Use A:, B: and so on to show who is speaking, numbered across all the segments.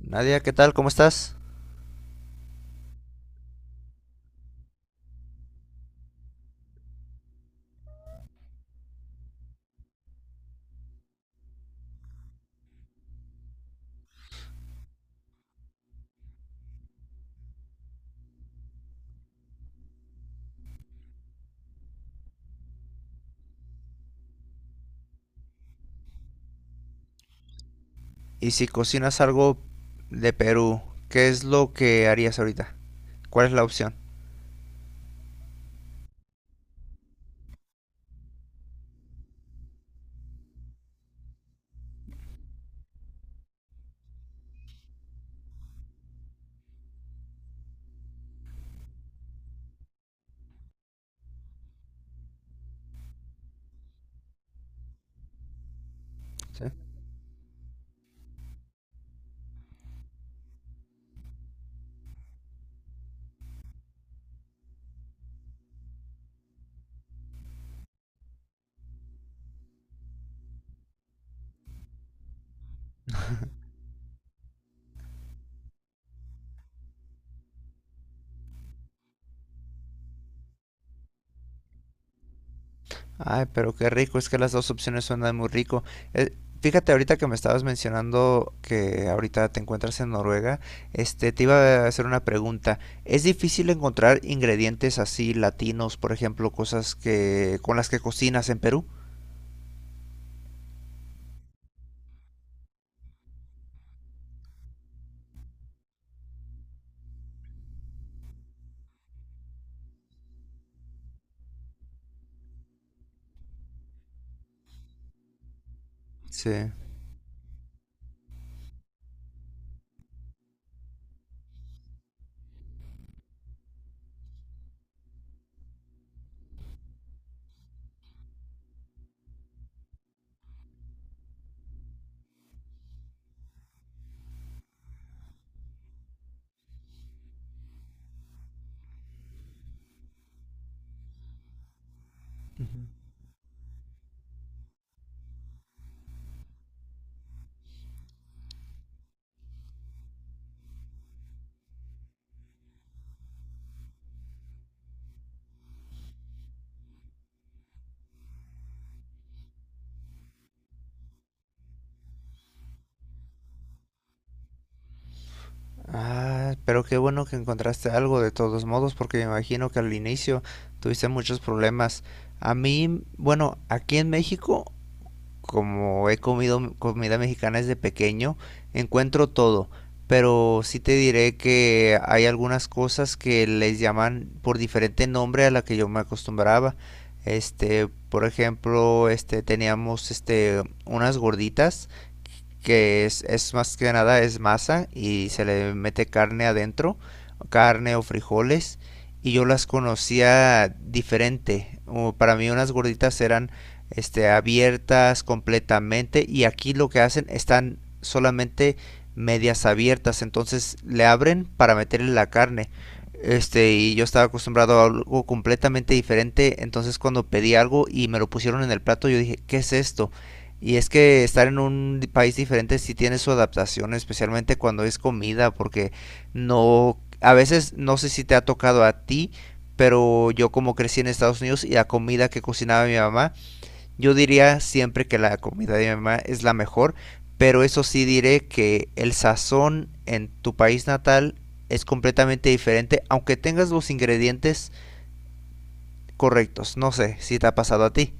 A: Nadia, ¿qué tal? ¿Cómo estás? Y si cocinas algo de Perú, ¿qué es lo que harías ahorita? ¿Cuál es la opción? ¿Sí? Ay, pero qué rico, es que las dos opciones suenan muy rico. Eh, Fíjate ahorita que me estabas mencionando que ahorita te encuentras en Noruega, te iba a hacer una pregunta. ¿Es difícil encontrar ingredientes así latinos, por ejemplo, cosas que con las que cocinas en Perú? Sí. Ah, pero qué bueno que encontraste algo de todos modos, porque me imagino que al inicio tuviste muchos problemas. A mí, bueno, aquí en México, como he comido comida mexicana desde pequeño, encuentro todo. Pero sí te diré que hay algunas cosas que les llaman por diferente nombre a la que yo me acostumbraba. Por ejemplo, teníamos unas gorditas que es más que nada es masa y se le mete carne adentro, carne o frijoles y yo las conocía diferente. Para mí unas gorditas eran abiertas completamente y aquí lo que hacen están solamente medias abiertas, entonces le abren para meterle la carne. Y yo estaba acostumbrado a algo completamente diferente, entonces cuando pedí algo y me lo pusieron en el plato, yo dije, ¿qué es esto? Y es que estar en un país diferente sí tiene su adaptación, especialmente cuando es comida, porque no, a veces no sé si te ha tocado a ti, pero yo como crecí en Estados Unidos y la comida que cocinaba mi mamá, yo diría siempre que la comida de mi mamá es la mejor, pero eso sí diré que el sazón en tu país natal es completamente diferente, aunque tengas los ingredientes correctos. No sé si te ha pasado a ti.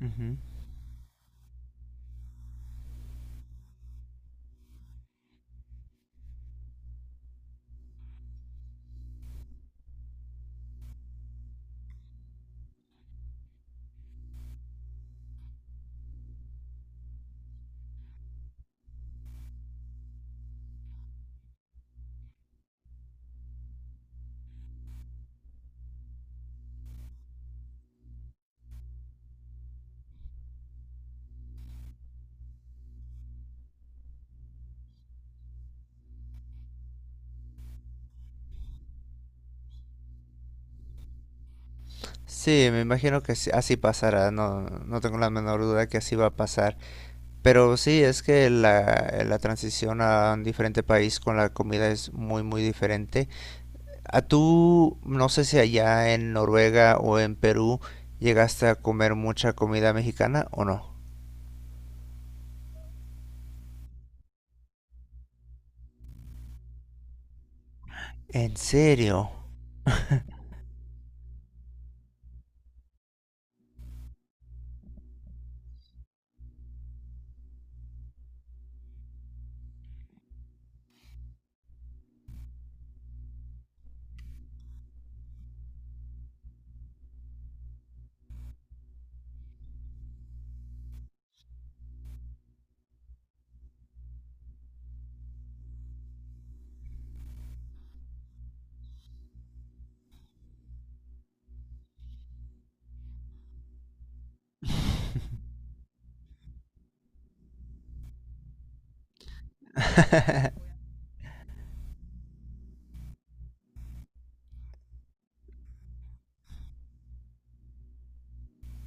A: Ujú. Sí, me imagino que así pasará, no, no tengo la menor duda que así va a pasar. Pero sí, es que la, la transición a un diferente país con la comida es muy, muy diferente. A tú, no sé si allá en Noruega o en Perú llegaste a comer mucha comida mexicana o no. ¿En serio?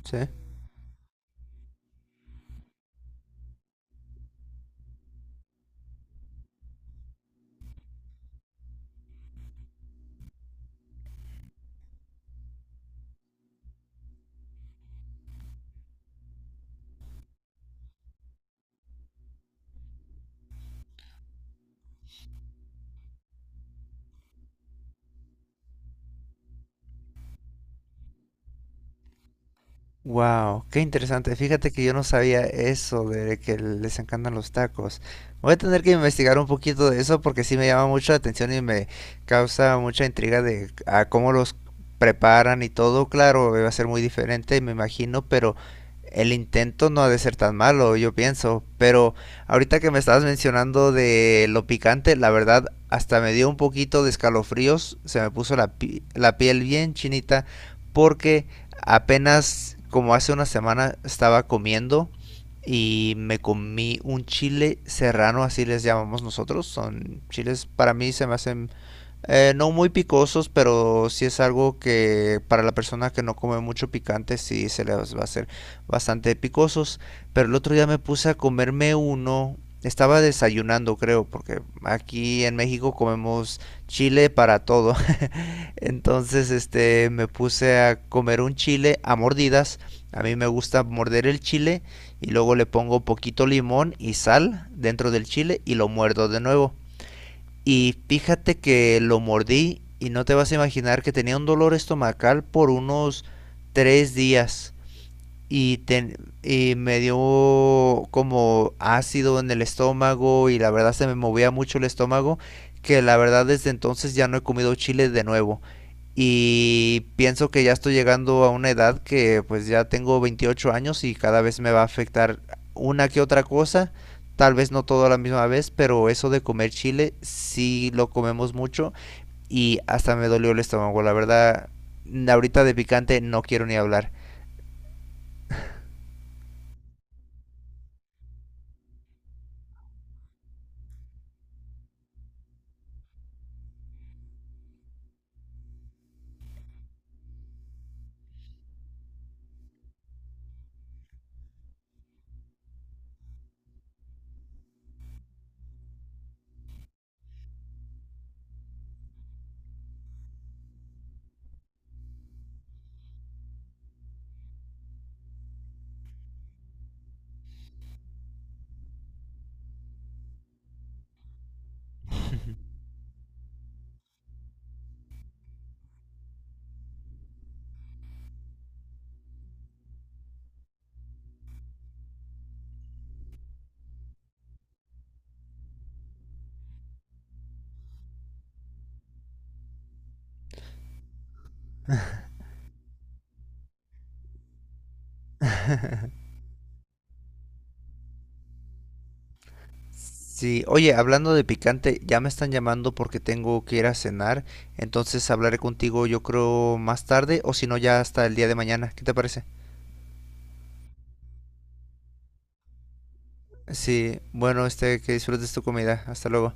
A: Sí. Wow, qué interesante. Fíjate que yo no sabía eso de que les encantan los tacos. Voy a tener que investigar un poquito de eso porque sí me llama mucho la atención y me causa mucha intriga de a cómo los preparan y todo. Claro, va a ser muy diferente, me imagino, pero el intento no ha de ser tan malo, yo pienso. Pero ahorita que me estabas mencionando de lo picante, la verdad, hasta me dio un poquito de escalofríos, se me puso la la piel bien chinita porque apenas como hace 1 semana estaba comiendo y me comí un chile serrano, así les llamamos nosotros. Son chiles, para mí se me hacen no muy picosos, pero sí es algo que para la persona que no come mucho picante sí se les va a hacer bastante picosos. Pero el otro día me puse a comerme uno. Estaba desayunando, creo, porque aquí en México comemos chile para todo. Entonces, me puse a comer un chile a mordidas. A mí me gusta morder el chile y luego le pongo poquito limón y sal dentro del chile y lo muerdo de nuevo. Y fíjate que lo mordí y no te vas a imaginar que tenía un dolor estomacal por unos 3 días. Y, ten- y me dio como ácido en el estómago y la verdad se me movía mucho el estómago que la verdad desde entonces ya no he comido chile de nuevo. Y pienso que ya estoy llegando a una edad que pues ya tengo 28 años y cada vez me va a afectar una que otra cosa. Tal vez no todo a la misma vez, pero eso de comer chile sí lo comemos mucho y hasta me dolió el estómago. La verdad, ahorita de picante no quiero ni hablar. Sí, oye, hablando de picante, ya me están llamando porque tengo que ir a cenar, entonces hablaré contigo yo creo más tarde o si no ya hasta el día de mañana. ¿Qué te parece? Sí, bueno, que disfrutes tu comida. Hasta luego.